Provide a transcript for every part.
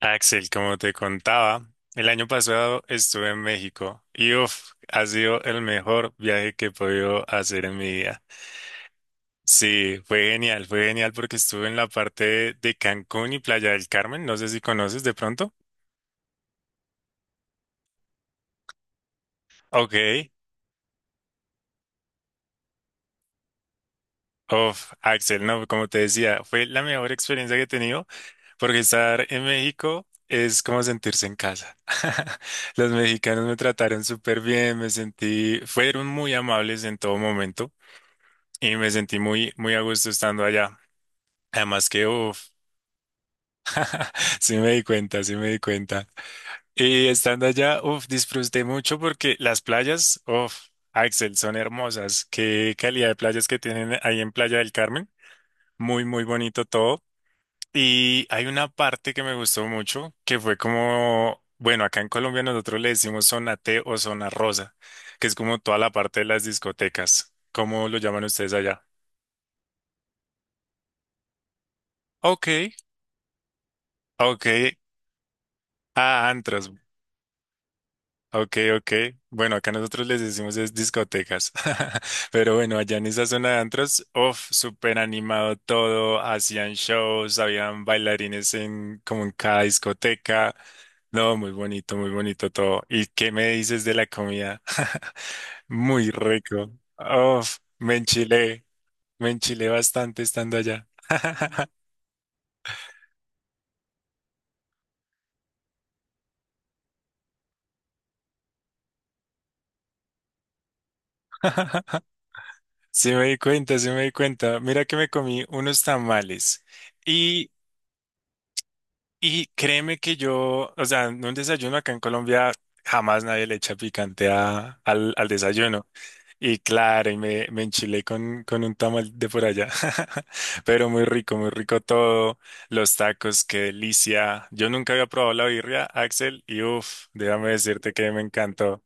Axel, como te contaba, el año pasado estuve en México y uf, ha sido el mejor viaje que he podido hacer en mi vida. Sí, fue genial porque estuve en la parte de Cancún y Playa del Carmen, no sé si conoces de pronto. Ok, uf, Axel, no, como te decía, fue la mejor experiencia que he tenido porque estar en México es como sentirse en casa. Los mexicanos me trataron súper bien, me sentí, fueron muy amables en todo momento. Y me sentí muy, muy a gusto estando allá. Además que, uff, sí me di cuenta, sí me di cuenta. Y estando allá, uff, disfruté mucho porque las playas, uff, Axel, son hermosas. Qué calidad de playas que tienen ahí en Playa del Carmen. Muy, muy bonito todo. Y hay una parte que me gustó mucho, que fue como, bueno, acá en Colombia nosotros le decimos zona T o zona rosa, que es como toda la parte de las discotecas. ¿Cómo lo llaman ustedes allá? Ok, ok. Ah, antros. Ok, ok. Bueno, acá nosotros les decimos es discotecas. Pero bueno, allá en esa zona de antros, uff, súper animado todo. Hacían shows, habían bailarines en como en cada discoteca. No, muy bonito todo. ¿Y qué me dices de la comida? Muy rico. Uff, me enchilé bastante estando allá. Sí me di cuenta, sí me di cuenta. Mira que me comí unos tamales. Y créeme que yo, o sea, en un desayuno acá en Colombia jamás nadie le echa picante al desayuno. Y claro, y me enchilé con un tamal de por allá. Pero muy rico todo. Los tacos, qué delicia. Yo nunca había probado la birria, Axel, y uff, déjame decirte que me encantó.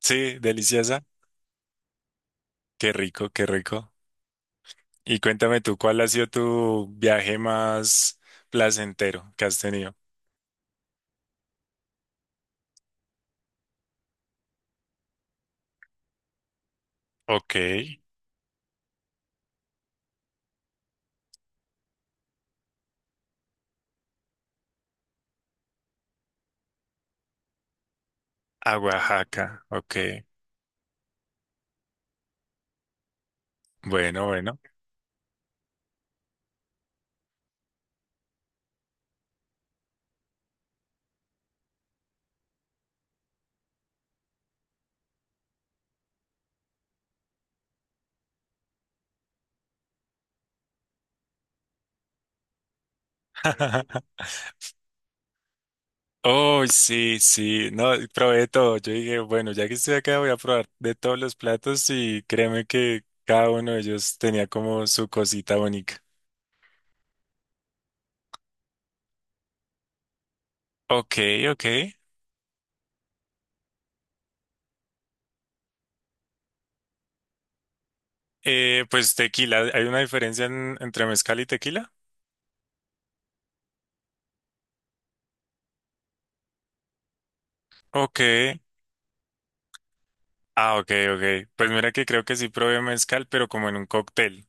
Sí, deliciosa. Qué rico, qué rico. Y cuéntame tú, ¿cuál ha sido tu viaje más placentero que has tenido? Ok. A Oaxaca, ok. Bueno, bueno. Oh, sí, sí. No, probé todo. Yo dije, bueno, ya que estoy acá, voy a probar de todos los platos y créeme que cada uno de ellos tenía como su cosita bonita. Ok, ok. Pues tequila, ¿hay una diferencia entre mezcal y tequila? Ok. Ah, ok, ok. Pues mira que creo que sí probé mezcal, pero como en un cóctel.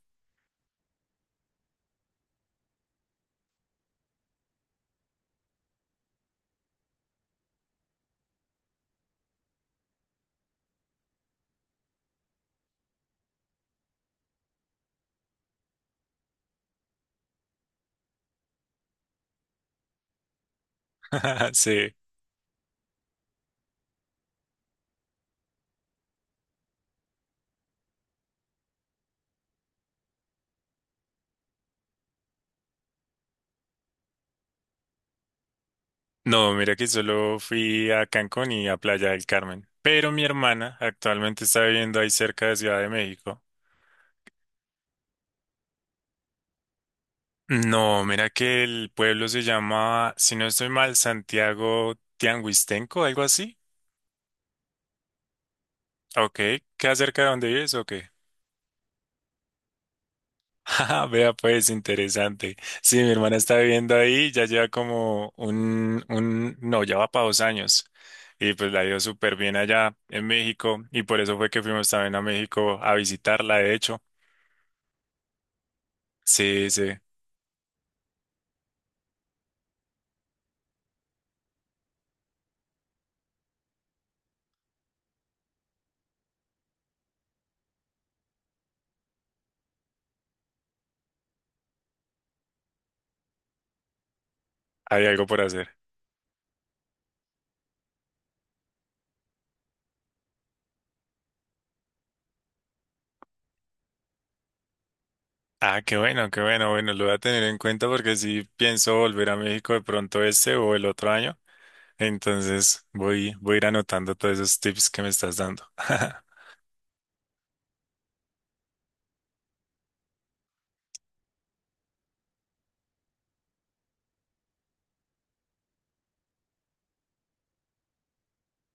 Sí. No, mira que solo fui a Cancún y a Playa del Carmen. Pero mi hermana actualmente está viviendo ahí cerca de Ciudad de México. No, mira que el pueblo se llama, si no estoy mal, Santiago Tianguistenco, algo así. Ok, ¿qué acerca de donde vives o qué? Ajá, Vea, pues interesante. Sí, mi hermana está viviendo ahí, ya lleva como no, ya va para 2 años. Y pues la dio súper bien allá en México. Y por eso fue que fuimos también a México a visitarla, de hecho. Sí, sí, hay algo por hacer. Ah, qué bueno, qué bueno. Bueno, lo voy a tener en cuenta porque sí pienso volver a México de pronto este o el otro año. Entonces voy a ir anotando todos esos tips que me estás dando.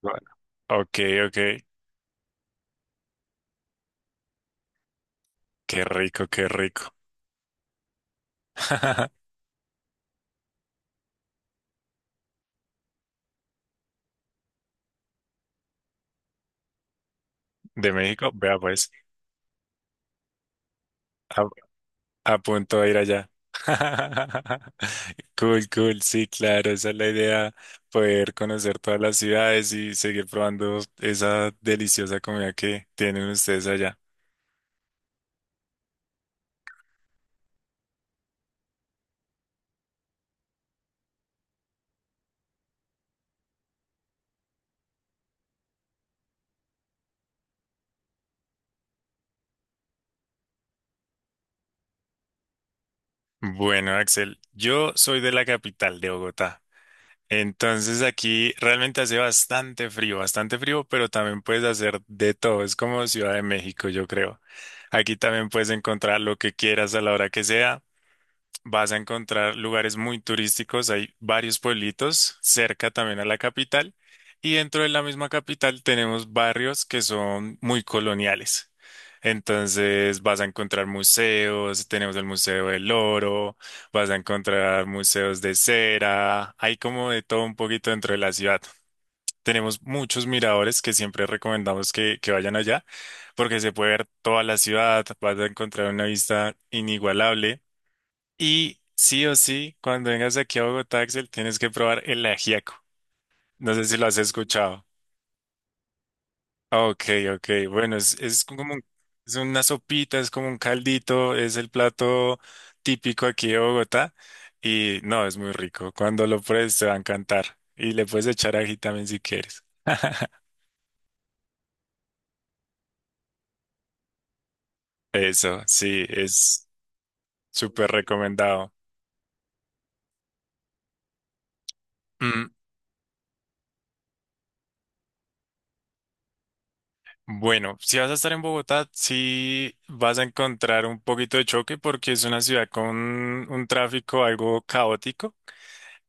Bueno. Ok, ok. Qué rico, qué rico. De México, vea pues, a, a punto de ir allá. Cool, cool, sí, claro, esa es la idea, poder conocer todas las ciudades y seguir probando esa deliciosa comida que tienen ustedes allá. Bueno, Axel, yo soy de la capital de Bogotá. Entonces aquí realmente hace bastante frío, pero también puedes hacer de todo. Es como Ciudad de México, yo creo. Aquí también puedes encontrar lo que quieras a la hora que sea. Vas a encontrar lugares muy turísticos, hay varios pueblitos cerca también a la capital y dentro de la misma capital tenemos barrios que son muy coloniales. Entonces vas a encontrar museos, tenemos el Museo del Oro, vas a encontrar museos de cera, hay como de todo un poquito dentro de la ciudad. Tenemos muchos miradores que siempre recomendamos que vayan allá porque se puede ver toda la ciudad, vas a encontrar una vista inigualable. Y sí o sí, cuando vengas aquí a Bogotá, Axel, tienes que probar el ajiaco. No sé si lo has escuchado. Ok, ok. Bueno, es como es una sopita, es como un caldito, es el plato típico aquí de Bogotá. Y no, es muy rico. Cuando lo pruebes te va a encantar. Y le puedes echar ají también si quieres. Eso, sí, es súper recomendado. Mm, bueno, si vas a estar en Bogotá, sí vas a encontrar un poquito de choque porque es una ciudad con un tráfico algo caótico,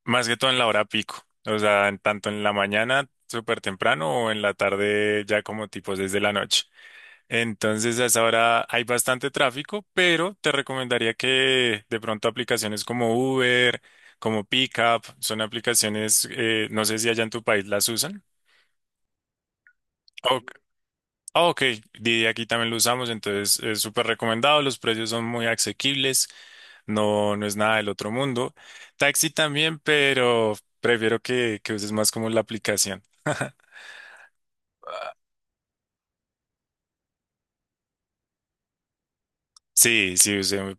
más que todo en la hora pico, o sea, en tanto en la mañana súper temprano o en la tarde ya como tipo desde la noche. Entonces, a esa hora hay bastante tráfico, pero te recomendaría que de pronto aplicaciones como Uber, como Pickup, son aplicaciones, no sé si allá en tu país las usan. Ah, ok, Didi aquí también lo usamos, entonces es súper recomendado, los precios son muy asequibles, no, no es nada del otro mundo. Taxi también, pero prefiero que uses más como la aplicación. Sí, sí, usé.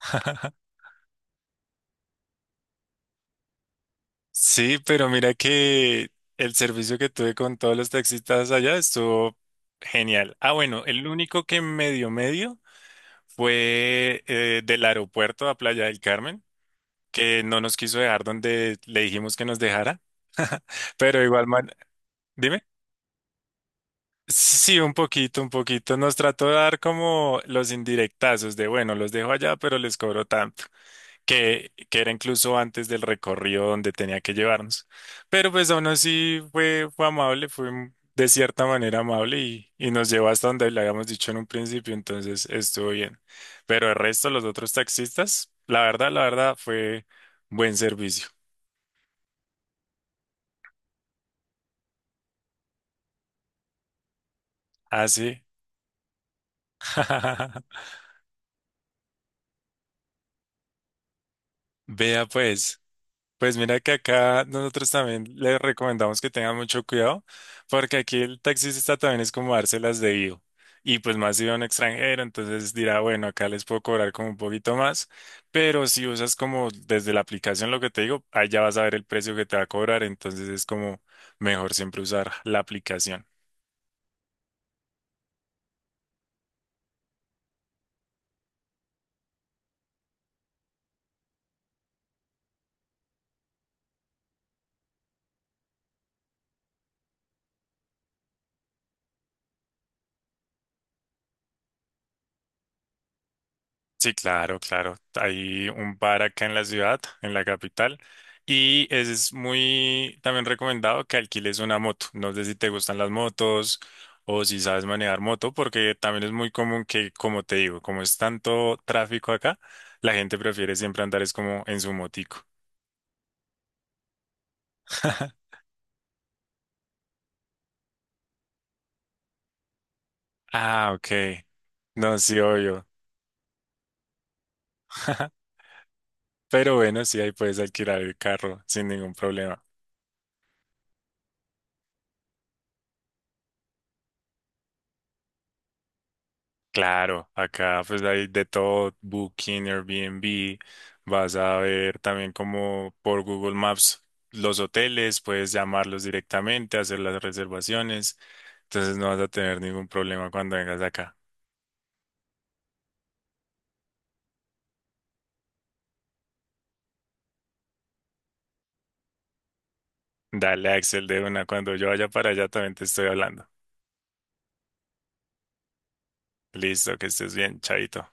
Sí, pero mira que el servicio que tuve con todos los taxistas allá estuvo genial. Ah, bueno, el único que medio medio fue del aeropuerto a Playa del Carmen, que no nos quiso dejar donde le dijimos que nos dejara. Pero igual, man, dime. Sí, un poquito, un poquito. Nos trató de dar como los indirectazos de, bueno, los dejo allá, pero les cobro tanto, que era incluso antes del recorrido donde tenía que llevarnos. Pero pues aún así fue, fue amable, fue un- de cierta manera amable y nos llevó hasta donde le habíamos dicho en un principio, entonces estuvo bien. Pero el resto, los otros taxistas, la verdad, fue buen servicio. Así. Vea pues. Pues mira que acá nosotros también le recomendamos que tengan mucho cuidado, porque aquí el taxista también es como dárselas de vivo. Y pues más si va un extranjero, entonces dirá, bueno, acá les puedo cobrar como un poquito más, pero si usas como desde la aplicación lo que te digo, ahí ya vas a ver el precio que te va a cobrar, entonces es como mejor siempre usar la aplicación. Sí, claro, claro. Hay un bar acá en la ciudad, en la capital, y es muy también recomendado que alquiles una moto. No sé si te gustan las motos o si sabes manejar moto, porque también es muy común que, como te digo, como es tanto tráfico acá, la gente prefiere siempre andar es como en su motico. Ah, ok. No, sí, obvio. Pero bueno, sí, ahí puedes alquilar el carro sin ningún problema. Claro, acá pues hay de todo, Booking, Airbnb, vas a ver también como por Google Maps los hoteles, puedes llamarlos directamente, hacer las reservaciones, entonces no vas a tener ningún problema cuando vengas acá. Dale, Axel, de una, cuando yo vaya para allá también te estoy hablando. Listo, que estés bien, chaito.